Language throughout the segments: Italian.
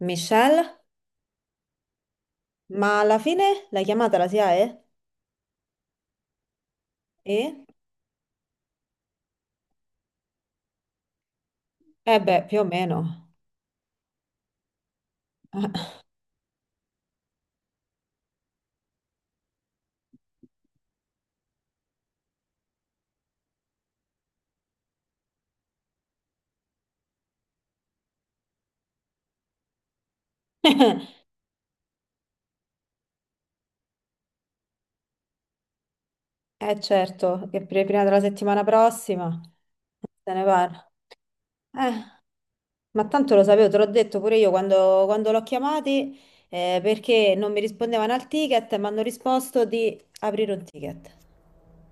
Michelle, ma alla fine l'hai chiamata la SIAE? E? Eh beh, più o meno. Eh certo, che per prima della settimana prossima se ne parla. Eh, ma tanto lo sapevo, te l'ho detto pure io quando, l'ho chiamati, perché non mi rispondevano al ticket e mi hanno risposto di aprire un ticket.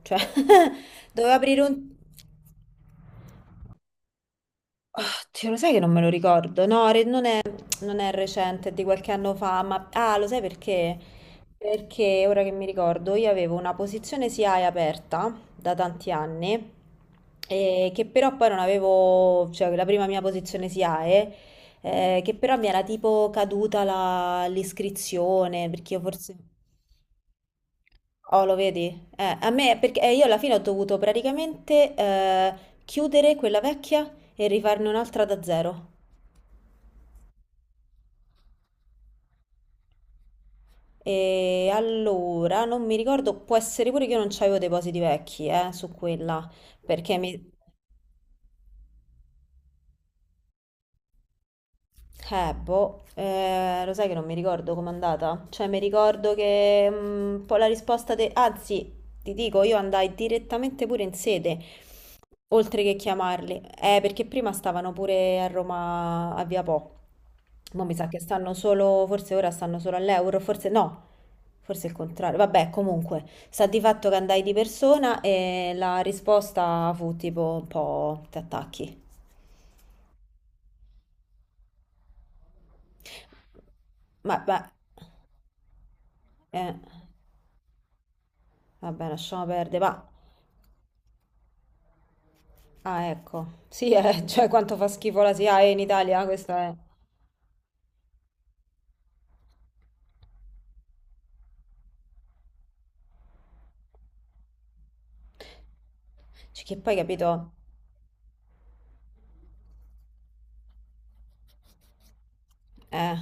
Cioè, dovevo aprire un... Ah, Dio, lo sai che non me lo ricordo? No, non è recente, è di qualche anno fa, ma... Ah, lo sai perché? Perché, ora che mi ricordo, io avevo una posizione SIAE aperta da tanti anni, e che però poi non avevo... cioè la prima mia posizione SIAE, che però mi era tipo caduta l'iscrizione, perché io forse... Oh, lo vedi? A me, perché io alla fine ho dovuto praticamente chiudere quella vecchia e rifarne un'altra da zero. E allora, non mi ricordo, può essere pure che io non c'avevo depositi vecchi, su quella, perché mi, boh, lo sai che non mi ricordo com'è andata? Cioè, mi ricordo che un po' la risposta. Anzi, ti dico, io andai direttamente pure in sede, oltre che chiamarli. Perché prima stavano pure a Roma a Via Po. Ma mi sa che stanno solo, forse ora stanno solo all'Euro, forse no, forse il contrario. Vabbè, comunque, sta di fatto che andai di persona e la risposta fu tipo un po' ti attacchi. Ma, eh. Vabbè, lasciamo perdere. Ah, ecco. Sì, cioè quanto fa schifo la SIAE in Italia, questa è... Cioè, che poi, capito? Eh,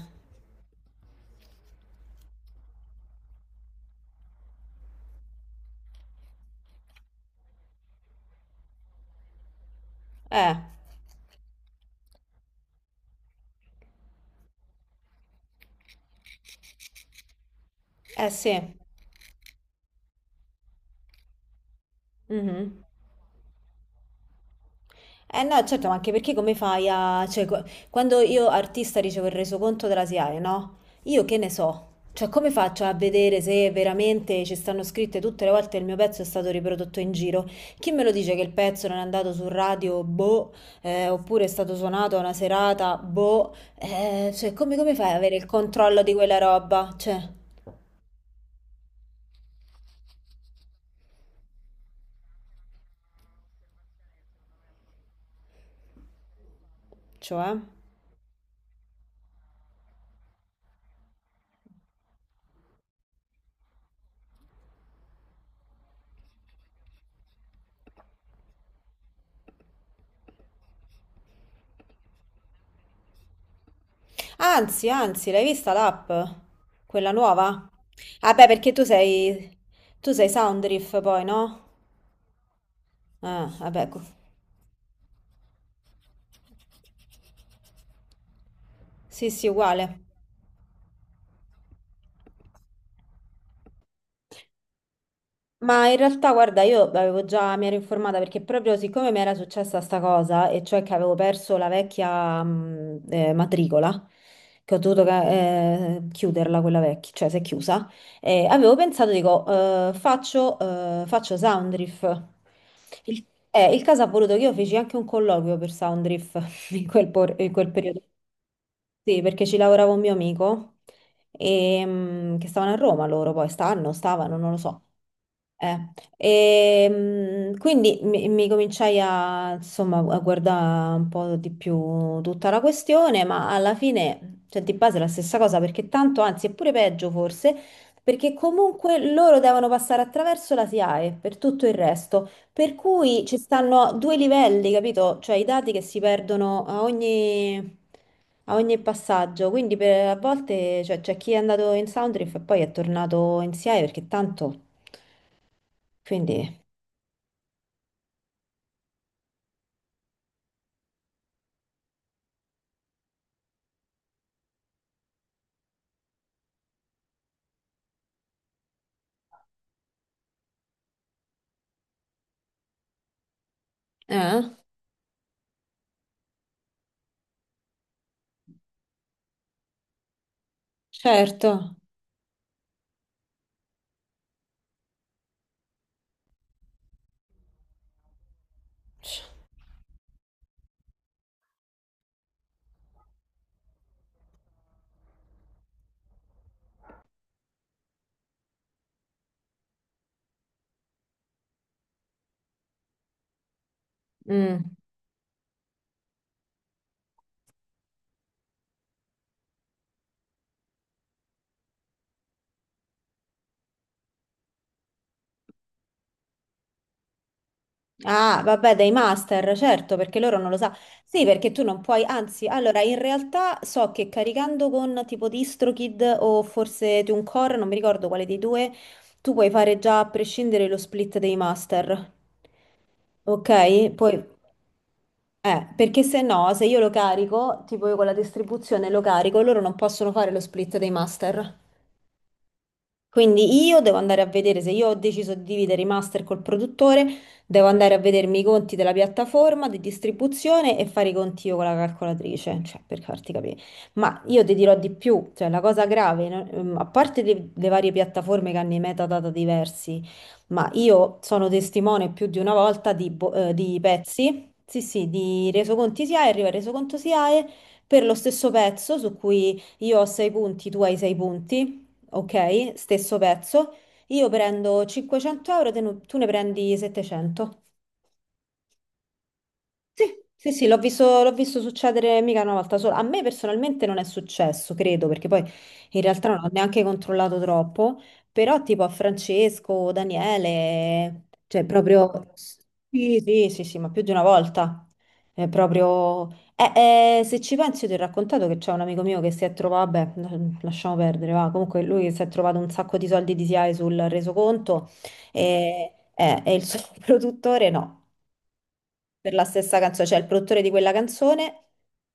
eh, eh sì. Mhm. Eh no, certo, ma anche perché come fai a... cioè, quando io artista ricevo il resoconto della SIAE, no? Io che ne so? Cioè, come faccio a vedere se veramente ci stanno scritte tutte le volte che il mio pezzo è stato riprodotto in giro? Chi me lo dice che il pezzo non è andato su radio, boh, oppure è stato suonato a una serata, boh, cioè, come fai ad avere il controllo di quella roba? Cioè? Eh? Anzi, anzi, l'hai vista l'app? Quella nuova? Ah beh, perché tu sei Soundriff poi, no? Ah, vabbè, sì, sì, uguale. Ma in realtà, guarda, io avevo già, mi ero informata perché proprio siccome mi era successa sta cosa, e cioè che avevo perso la vecchia matricola, che ho dovuto chiuderla quella vecchia, cioè si è chiusa, avevo pensato, dico, faccio Soundriff. Il caso ha voluto che io feci anche un colloquio per Soundriff in quel periodo. Sì, perché ci lavorava un mio amico, che stavano a Roma loro, poi stanno, stavano, non lo so. Eh, quindi mi cominciai a, insomma, a guardare un po' di più tutta la questione, ma alla fine, cioè, di base è la stessa cosa, perché tanto, anzi, è pure peggio forse, perché comunque loro devono passare attraverso la SIAE per tutto il resto, per cui ci stanno due livelli, capito? Cioè i dati che si perdono a ogni... A ogni passaggio, a volte cioè, c'è chi è andato in Soundriff e poi è tornato in SIAE perché tanto. Quindi, eh, certo. Mm. Ah, vabbè, dai master, certo, perché loro non lo sa. Sì, perché tu non puoi, anzi, allora, in realtà so che caricando con tipo DistroKid o forse TuneCore, non mi ricordo quale dei due, tu puoi fare già a prescindere lo split dei master, ok? Poi... Perché se no, se io lo carico, tipo io con la distribuzione lo carico, loro non possono fare lo split dei master. Quindi io devo andare a vedere se io ho deciso di dividere i master col produttore, devo andare a vedermi i conti della piattaforma di distribuzione e fare i conti io con la calcolatrice, cioè per farti capire. Ma io ti dirò di più, cioè la cosa grave, no? A parte le varie piattaforme che hanno i metadata diversi, ma io sono testimone più di una volta di pezzi, sì sì, di resoconti SIAE, arriva il resoconto SIAE per lo stesso pezzo su cui io ho 6 punti, tu hai 6 punti, ok? Stesso pezzo. Io prendo 500 euro, tu ne prendi 700. Sì, sì, sì, l'ho visto succedere mica una volta sola. A me personalmente non è successo, credo, perché poi in realtà non ho neanche controllato troppo, però tipo a Francesco, Daniele, cioè proprio... Sì, sì, sì, sì, ma più di una volta. È proprio... Se ci pensi, io ti ho raccontato che c'è un amico mio che si è trovato, vabbè, lasciamo perdere, va. Comunque lui si è trovato un sacco di soldi di SIAE sul resoconto e il suo produttore no per la stessa canzone, cioè il produttore di quella canzone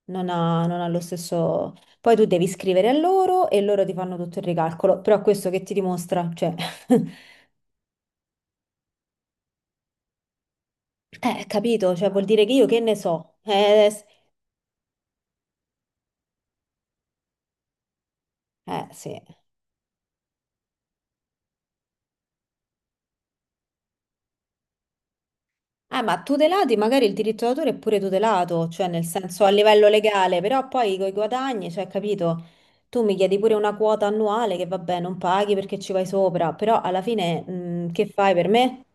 non ha lo stesso... Poi tu devi scrivere a loro e loro ti fanno tutto il ricalcolo, però questo che ti dimostra, cioè, eh, capito, cioè vuol dire che io che ne so, sì. Ma tutelati magari il diritto d'autore è pure tutelato, cioè nel senso a livello legale, però poi con i guadagni, cioè, capito? Tu mi chiedi pure una quota annuale che vabbè, non paghi perché ci vai sopra, però alla fine, che fai per me?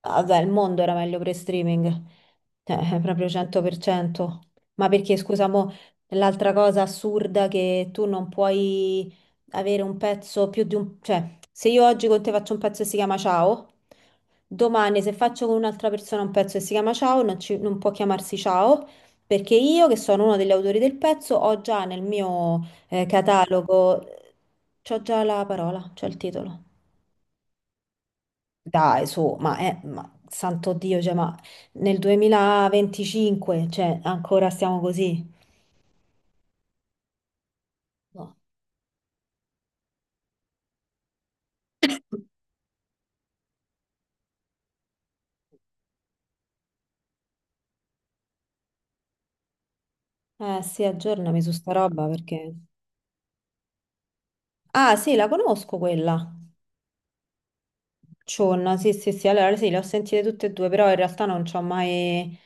Ah, vabbè, il mondo era meglio pre-streaming, cioè, proprio 100%. Ma perché, scusa, mo, l'altra cosa assurda che tu non puoi avere un pezzo più di un... Cioè, se io oggi con te faccio un pezzo che si chiama Ciao, domani se faccio con un'altra persona un pezzo che si chiama Ciao, non può chiamarsi Ciao, perché io, che sono uno degli autori del pezzo, ho già nel mio catalogo, c'ho già la parola, c'ho il titolo. Dai, su, ma santo Dio, cioè, ma nel 2025, cioè, ancora stiamo così? No. Eh sì, aggiornami su sta roba perché... Ah sì, la conosco quella. Cionna, sì, sì, sì, allora sì, le ho sentite tutte e due, però in realtà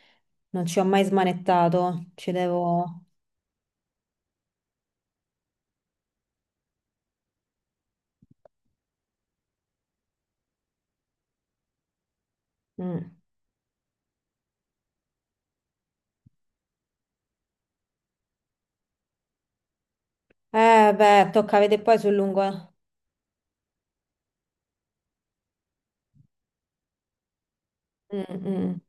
non ci ho mai smanettato. Ci devo... Mm. Eh beh, tocca vedere poi sul lungo. Mm, mm.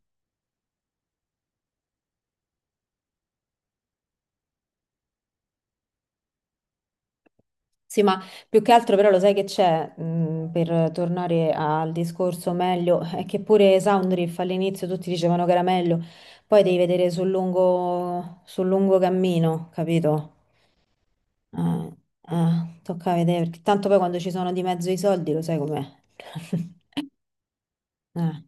Sì, ma più che altro però lo sai che c'è, per tornare al discorso meglio, è che pure Soundriff all'inizio tutti dicevano che era meglio, poi devi vedere sul lungo cammino, capito? Eh, Tocca vedere, perché tanto poi quando ci sono di mezzo i soldi lo sai com'è. Eh.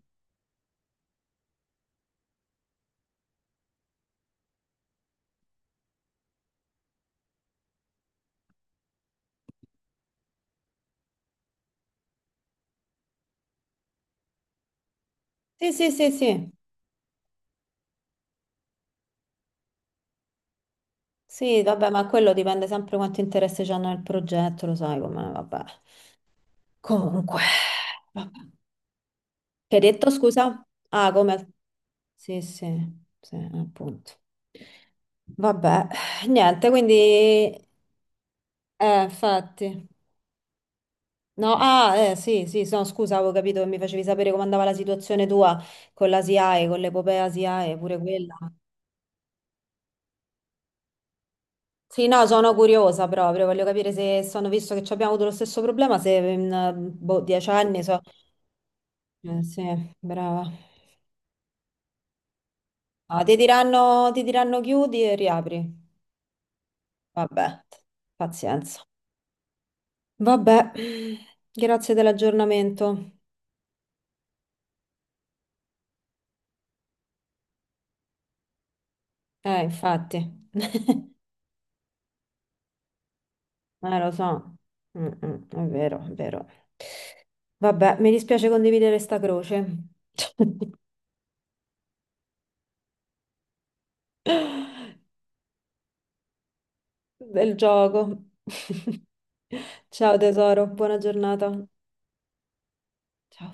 Sì, sì, sì, sì, sì, vabbè, ma quello dipende sempre quanto interesse c'hanno nel progetto, lo sai com'è, vabbè. Comunque, vabbè. Che hai detto, scusa? Ah, come... Sì, sì, sì, appunto. Vabbè, niente, quindi, infatti. No, ah, sì, sì, no, scusa, avevo capito che mi facevi sapere come andava la situazione tua con la SIAE, con l'epopea SIAE, pure quella. Sì, no, sono curiosa proprio, voglio capire se sono, visto che ci abbiamo avuto lo stesso problema, se in, boh, 10 anni so. Sì, brava. Ah, ti diranno chiudi e riapri. Vabbè, pazienza. Vabbè, grazie dell'aggiornamento. Infatti, lo so. Mm, mm, è vero, è vero. Vabbè, mi dispiace condividere sta croce del gioco. Ciao tesoro, buona giornata. Ciao.